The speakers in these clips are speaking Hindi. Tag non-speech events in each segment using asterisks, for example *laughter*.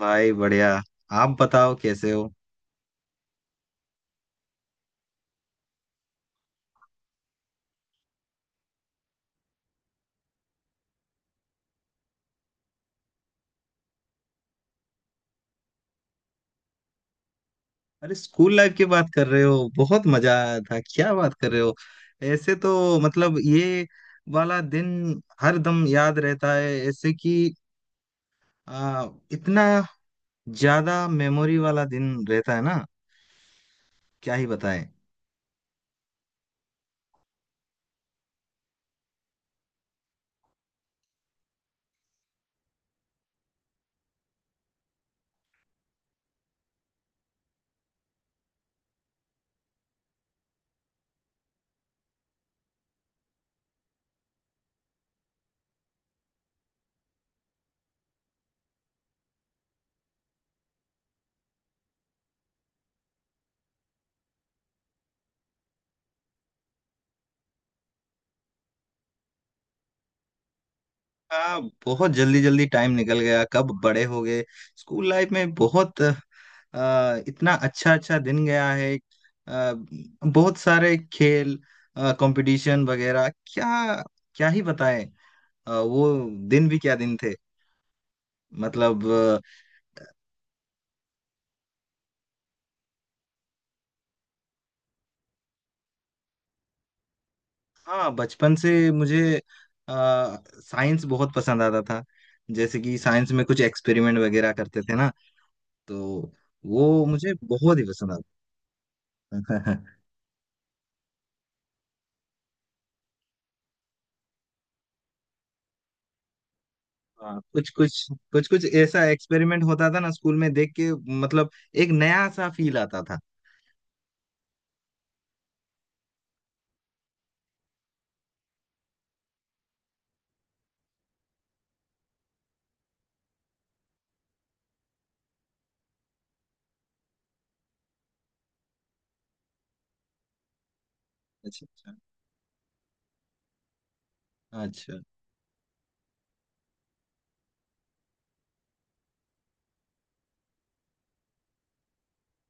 भाई बढ़िया। आप बताओ कैसे हो। अरे स्कूल लाइफ की बात कर रहे हो बहुत मजा आया था क्या बात कर रहे हो। ऐसे तो मतलब ये वाला दिन हर दम याद रहता है ऐसे कि आ, इतना ज्यादा मेमोरी वाला दिन रहता है ना। क्या ही बताएं। आ, बहुत जल्दी जल्दी टाइम निकल गया कब बड़े हो गए। स्कूल लाइफ में बहुत इतना अच्छा अच्छा दिन गया है। आ, बहुत सारे खेल कंपटीशन वगैरह क्या। क्या ही बताएं। वो दिन भी क्या दिन थे। मतलब हाँ बचपन से मुझे आ, साइंस बहुत पसंद आता था। जैसे कि साइंस में कुछ एक्सपेरिमेंट वगैरह करते थे ना तो वो मुझे बहुत ही पसंद आता था। *laughs* हाँ कुछ कुछ ऐसा एक्सपेरिमेंट होता था ना स्कूल में देख के मतलब एक नया सा फील आता था। अच्छा अच्छा अच्छा।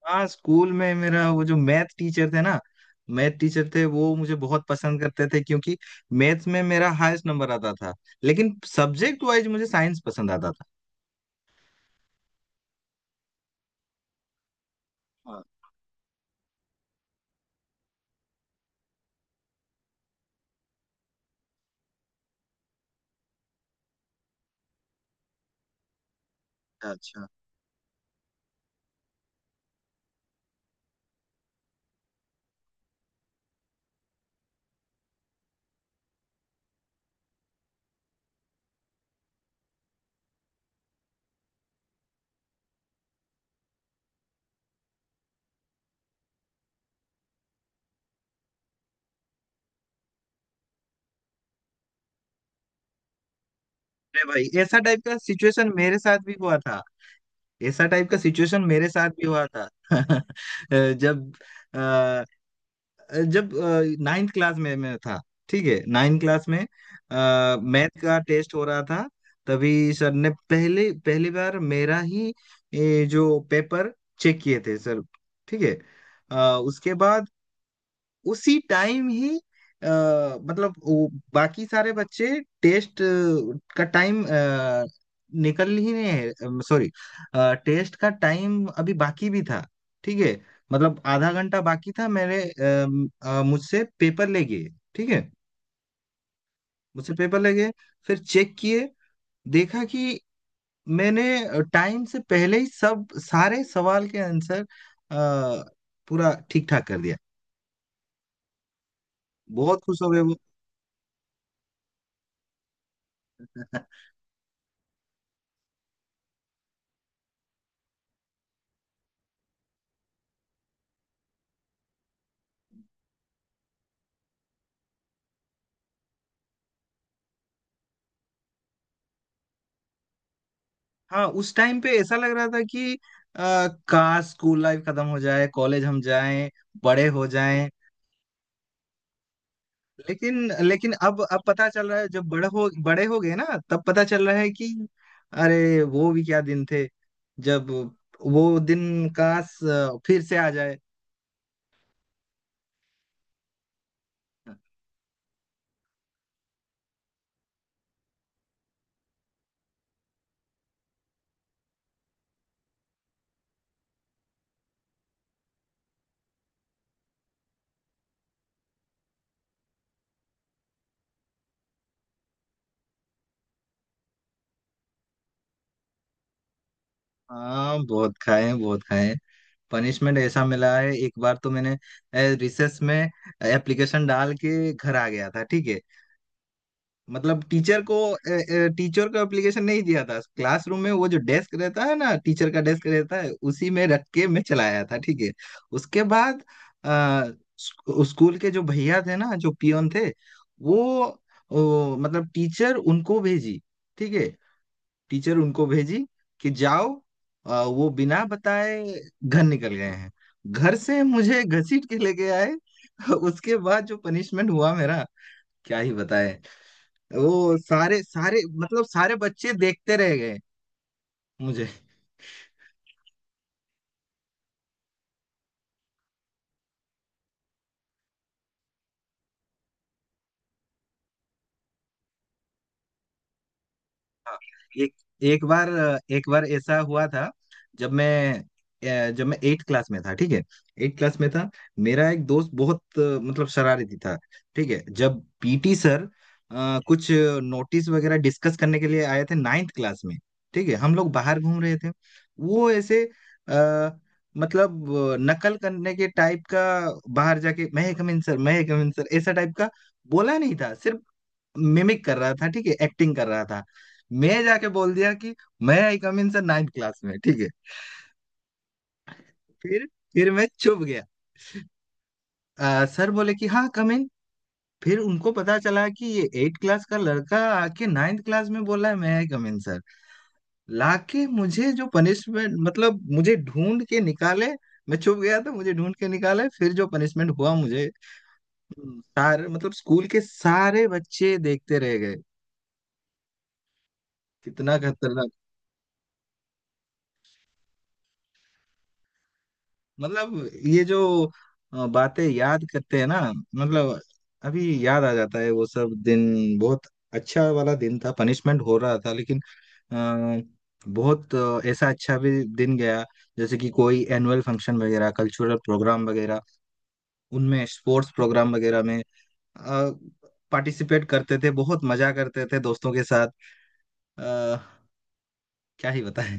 हाँ स्कूल में मेरा वो जो मैथ टीचर थे ना। मैथ टीचर थे वो मुझे बहुत पसंद करते थे क्योंकि मैथ्स में मेरा हाईएस्ट नंबर आता था। लेकिन सब्जेक्ट वाइज मुझे साइंस पसंद आता था। अच्छा अच्छा। अरे भाई ऐसा टाइप का सिचुएशन मेरे साथ भी हुआ था। ऐसा टाइप का सिचुएशन मेरे साथ भी हुआ था। *laughs* जब जब नाइन्थ क्लास में मैं था। ठीक है। नाइन्थ क्लास में मैथ का टेस्ट हो रहा था। तभी सर ने पहले पहली बार मेरा ही जो पेपर चेक किए थे सर। ठीक है। उसके बाद उसी टाइम ही अ, मतलब वो बाकी सारे बच्चे टेस्ट का टाइम निकल ही नहीं है। सॉरी। टेस्ट का टाइम अभी बाकी भी था। ठीक है। मतलब आधा घंटा बाकी था मेरे मुझसे पेपर ले गए। ठीक है। मुझसे पेपर ले गए। फिर चेक किए। देखा कि मैंने टाइम से पहले ही सब सारे सवाल के आंसर अ, पूरा ठीक ठाक कर दिया। बहुत खुश हो गए वो। हाँ उस टाइम पे ऐसा लग रहा था कि काश स्कूल लाइफ खत्म हो जाए कॉलेज हम जाएं बड़े हो जाएं। लेकिन लेकिन अब पता चल रहा है जब बड़े हो गए ना। तब पता चल रहा है कि अरे वो भी क्या दिन थे जब वो दिन काश फिर से आ जाए। हाँ बहुत खाए हैं बहुत खाए हैं। पनिशमेंट ऐसा मिला है एक बार तो मैंने रिसेस में एप्लीकेशन डाल के घर आ गया था। ठीक है। मतलब टीचर को एप्लीकेशन नहीं दिया था क्लासरूम में वो जो डेस्क रहता है ना टीचर का डेस्क रहता है उसी में रख के मैं चलाया था। ठीक है। उसके बाद अ, स्कूल के जो भैया थे ना जो पियोन थे वो मतलब टीचर उनको भेजी। ठीक है। टीचर उनको भेजी कि जाओ वो बिना बताए घर निकल गए हैं। घर से मुझे घसीट के लेके आए। *laughs* उसके बाद जो पनिशमेंट हुआ मेरा क्या ही बताए। वो सारे सारे मतलब सारे बच्चे देखते रह गए मुझे। हाँ, एक एक बार एक बार ऐसा हुआ था जब मैं जब मैं एट क्लास में था। ठीक है। एट क्लास में था। मेरा एक दोस्त बहुत मतलब शरारती था। ठीक है। जब पीटी सर कुछ नोटिस वगैरह डिस्कस करने के लिए आए थे नाइन्थ क्लास में। ठीक है। हम लोग बाहर घूम रहे थे वो ऐसे आ, मतलब नकल करने के टाइप का बाहर जाके मैं कमिंग सर ऐसा टाइप का बोला नहीं था सिर्फ मिमिक कर रहा था। ठीक है। एक्टिंग कर रहा था। मैं जाके बोल दिया कि मैं I come in sir ninth class में। ठीक है। फिर फिर मैं चुप गया। सर बोले कि हाँ कम इन। फिर उनको पता चला कि ये एट क्लास का लड़का आके नाइन्थ क्लास में बोला है मैं आई कम इन सर। लाके मुझे जो पनिशमेंट मतलब मुझे ढूंढ के निकाले। मैं चुप गया था मुझे ढूंढ के निकाले फिर जो पनिशमेंट हुआ मुझे। सारे मतलब स्कूल के सारे बच्चे देखते रह गए। कितना खतरनाक। मतलब ये जो बातें याद करते हैं ना मतलब अभी याद आ जाता है वो सब दिन बहुत अच्छा वाला दिन था। पनिशमेंट हो रहा था लेकिन अ, बहुत ऐसा अच्छा भी दिन गया। जैसे कि कोई एनुअल फंक्शन वगैरह कल्चरल प्रोग्राम वगैरह उनमें स्पोर्ट्स प्रोग्राम वगैरह में पार्टिसिपेट करते थे बहुत मजा करते थे दोस्तों के साथ। अ, क्या ही बताएं।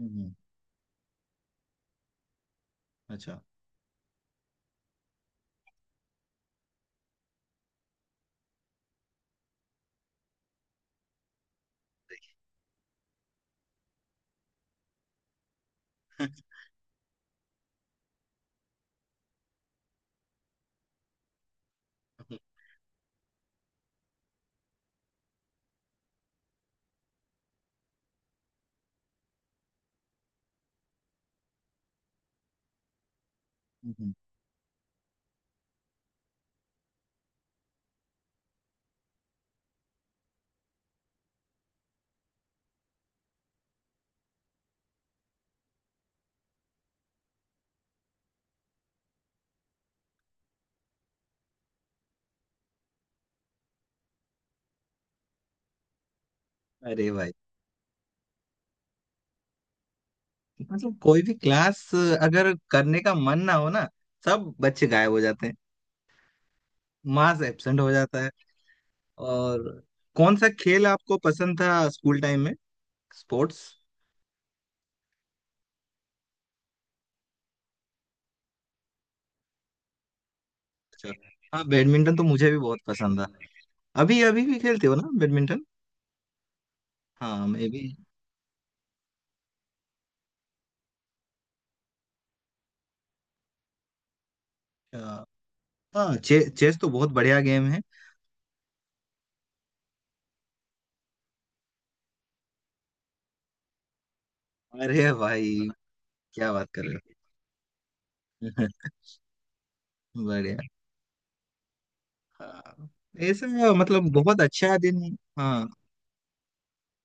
हम्म, अच्छा। *laughs* हम्म, अरे भाई मतलब कोई भी क्लास अगर करने का मन ना हो ना सब बच्चे गायब हो जाते हैं मास एब्सेंट हो जाता है। और कौन सा खेल आपको पसंद था स्कूल टाइम में। स्पोर्ट्स। अच्छा। हाँ बैडमिंटन तो मुझे भी बहुत पसंद था। अभी अभी भी खेलते हो ना बैडमिंटन। हाँ मैं भी। अच्छा। हाँ चेस तो बहुत बढ़िया गेम है। अरे भाई क्या बात कर रहे हो। *laughs* बढ़िया। हाँ ऐसा मतलब बहुत अच्छा दिन। हाँ।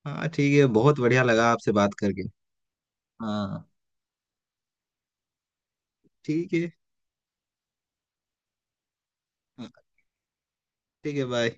हाँ ठीक है बहुत बढ़िया लगा आपसे बात करके। हाँ ठीक है। हाँ, ठीक है बाय।